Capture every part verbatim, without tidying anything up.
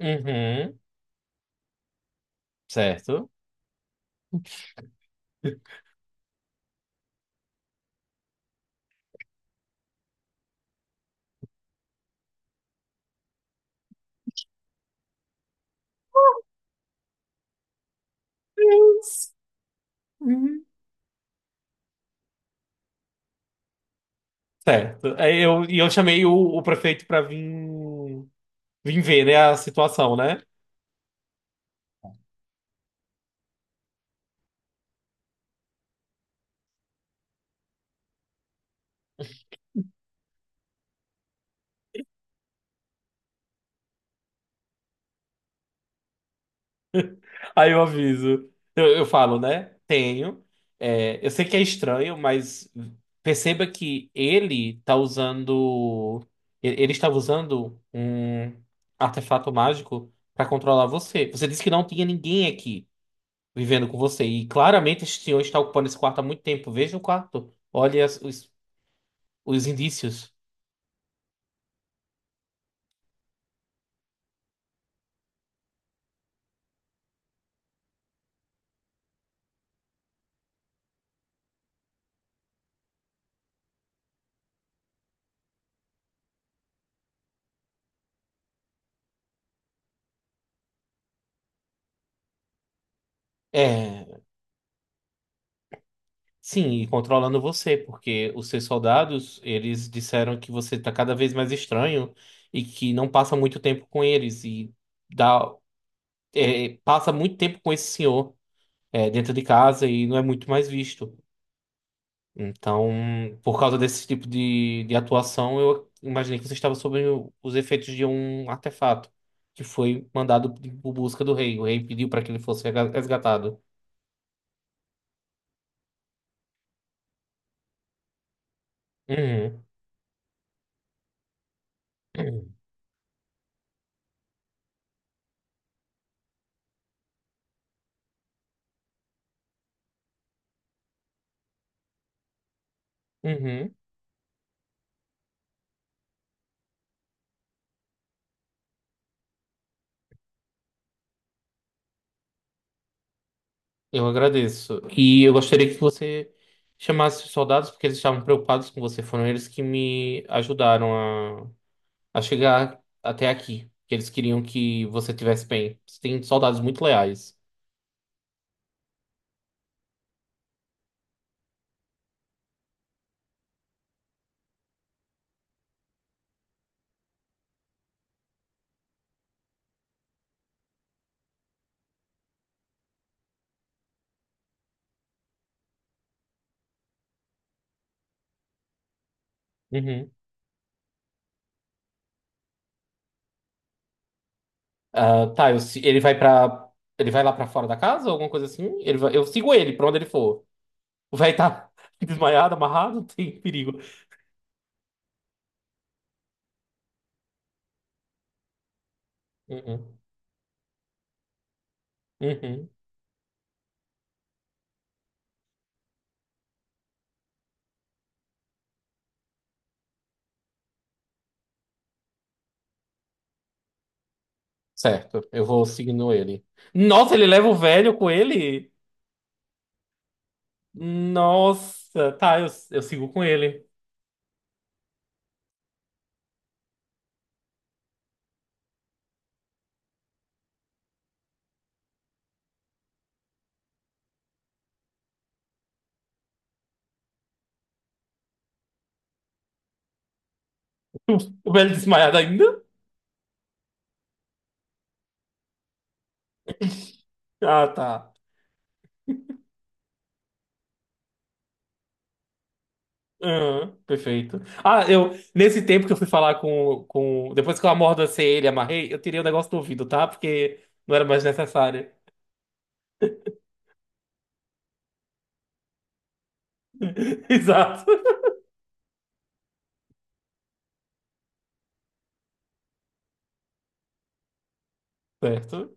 Uhum, certo. Deus. Uhum. Certo. Aí eu, e eu chamei o, o prefeito pra vir, vir ver, né, a situação, né? Aí eu aviso. Eu, eu falo, né? Tenho. É, eu sei que é estranho, mas perceba que ele tá usando. e- Ele estava usando um artefato mágico para controlar você. Você disse que não tinha ninguém aqui vivendo com você. E claramente esse senhor está ocupando esse quarto há muito tempo. Veja o quarto. Olha as- os, os indícios. É. Sim, e controlando você, porque os seus soldados, eles disseram que você tá cada vez mais estranho e que não passa muito tempo com eles e dá, é, passa muito tempo com esse senhor, é, dentro de casa e não é muito mais visto. Então, por causa desse tipo de, de atuação, eu imaginei que você estava sob o- os efeitos de um artefato que foi mandado por busca do rei. O rei pediu para que ele fosse resgatado. Uhum. Uhum. Eu agradeço. E eu gostaria que você chamasse os soldados, porque eles estavam preocupados com você. Foram eles que me ajudaram a, a chegar até aqui. Que eles queriam que você tivesse bem. Você tem soldados muito leais. Uhum. Ah, tá, eu se- ele vai para ele vai lá pra fora da casa, alguma coisa assim? Ele vai- eu sigo ele pra onde ele for. Vai estar desmaiado, amarrado, não tem perigo. Uhum. Uhum. Certo, eu vou seguindo ele. Nossa, ele leva o velho com ele? Nossa, tá, eu, eu sigo com ele. O Belo desmaiado ainda? Ah, tá. Aham, perfeito. Ah, eu, nesse tempo que eu fui falar com, com. Depois que eu amordacei ele, e amarrei, eu tirei o negócio do ouvido, tá? Porque não era mais necessário. Exato. Certo.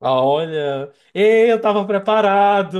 Ah, olha. Ei, eu tava preparado.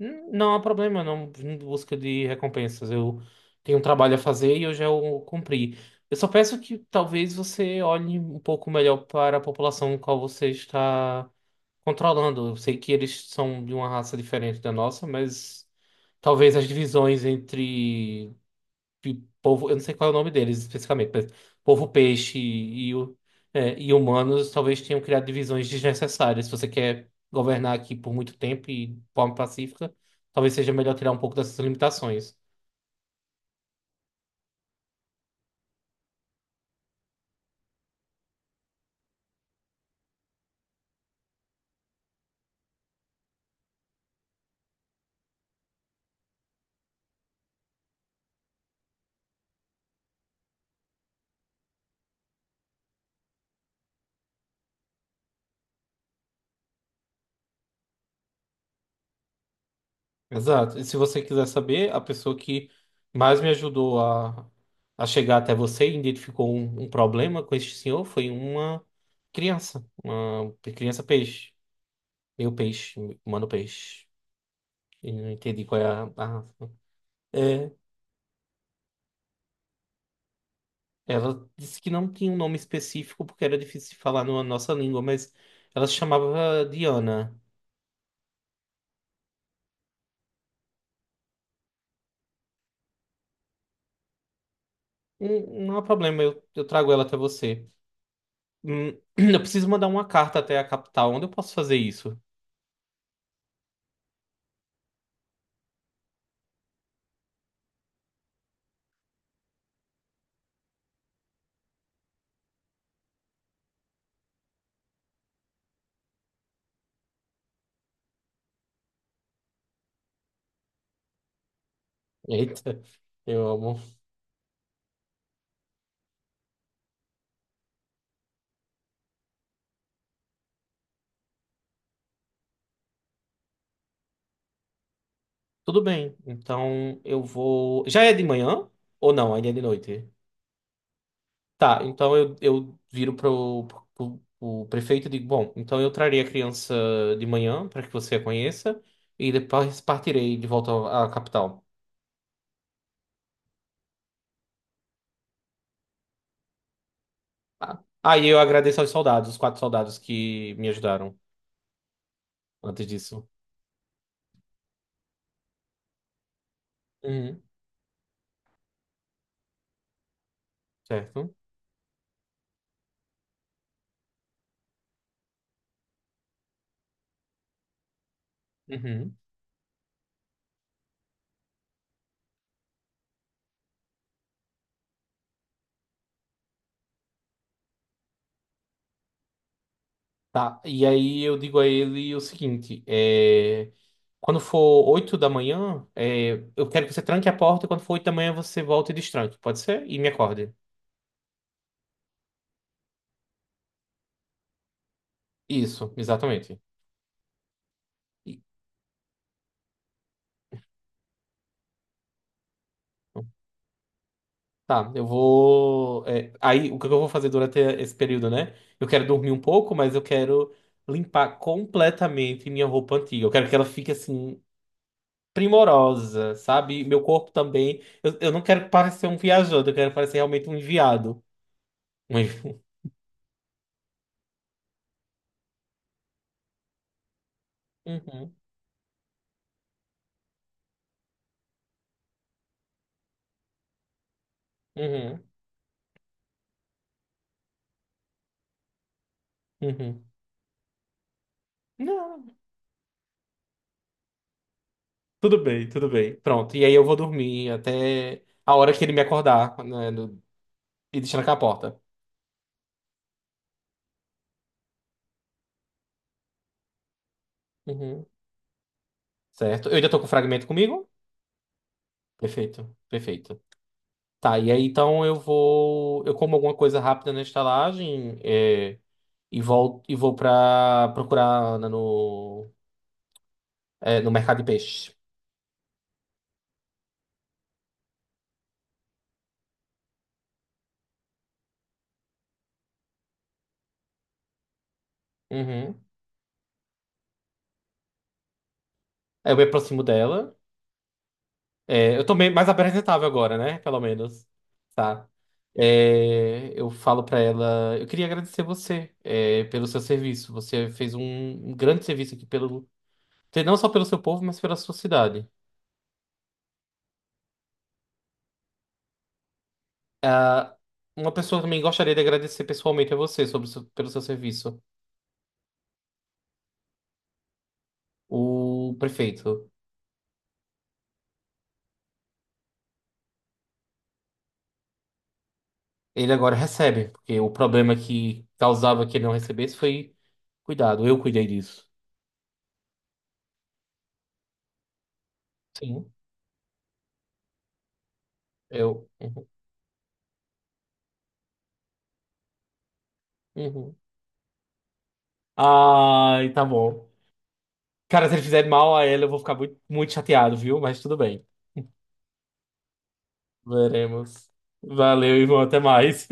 Hum, Não há problema, não vim em busca de recompensas. Eu tenho um trabalho a fazer e eu já o cumpri. Eu só peço que talvez você olhe um pouco melhor para a população com a qual você está controlando. Eu sei que eles são de uma raça diferente da nossa, mas talvez as divisões entre de povo, eu não sei qual é o nome deles especificamente, mas povo peixe e, o- é, e humanos talvez tenham criado divisões desnecessárias. Se você quer governar aqui por muito tempo e de forma pacífica, talvez seja melhor tirar um pouco dessas limitações. Exato. E se você quiser saber, a pessoa que mais me ajudou a, a chegar até você e identificou um, um problema com este senhor foi uma criança, uma criança peixe, meu peixe, humano peixe. Eu não entendi qual é a, a... É, ela disse que não tinha um nome específico porque era difícil de falar na nossa língua, mas ela se chamava Diana. Hum, Não há problema, eu, eu trago ela até você. Hum, Eu preciso mandar uma carta até a capital. Onde eu posso fazer isso? Eita, eu amo. Tudo bem, então eu vou. Já é de manhã? Ou não? Ainda é de noite? Tá, então eu, eu viro pro, pro, pro prefeito e digo: Bom, então eu trarei a criança de manhã para que você a conheça e depois partirei de volta à capital. Aí eu agradeço aos soldados, os quatro soldados que me ajudaram antes disso. Uhum, certo. Uhum. Tá. E aí eu digo a ele o seguinte: é, quando for oito da manhã, é, eu quero que você tranque a porta. e Quando for oito da manhã, você volta e destranque, pode ser? E me acorde. Isso, exatamente. E- tá, eu vou. É, aí o que eu vou fazer durante esse período, né? Eu quero dormir um pouco, mas eu quero limpar completamente minha roupa antiga. Eu quero que ela fique assim. Primorosa, sabe? Meu corpo também. Eu, eu não quero parecer um viajante, eu quero parecer realmente um enviado. Um envi- Uhum, uhum, uhum. Não, tudo bem, tudo bem. Pronto, e aí eu vou dormir até a hora que ele me acordar, né, no- e deixar com a porta. Uhum, certo? Eu ainda tô com o fragmento comigo? Perfeito, perfeito. Tá, e aí então eu vou. Eu como alguma coisa rápida na estalagem é, e volto e vou pra procurar a Ana no, é, no mercado de peixe. Uhum. Aí eu me aproximo dela. É, eu tô meio mais apresentável agora, né? Pelo menos. Tá. É, eu falo pra ela, eu queria agradecer você, é, pelo seu serviço. Você fez um, um grande serviço aqui pelo, não só pelo seu povo, mas pela sua cidade. Ah, uma pessoa também gostaria de agradecer pessoalmente a você sobre o seu- pelo seu serviço. O prefeito, ele agora recebe, porque o problema que causava que ele não recebesse foi cuidado. Eu cuidei disso. Sim, eu. Uhum, uhum. Ai, tá bom. Cara, se ele fizer mal a ela, eu vou ficar muito, muito chateado, viu? Mas tudo bem. Veremos. Valeu, irmão. Até mais.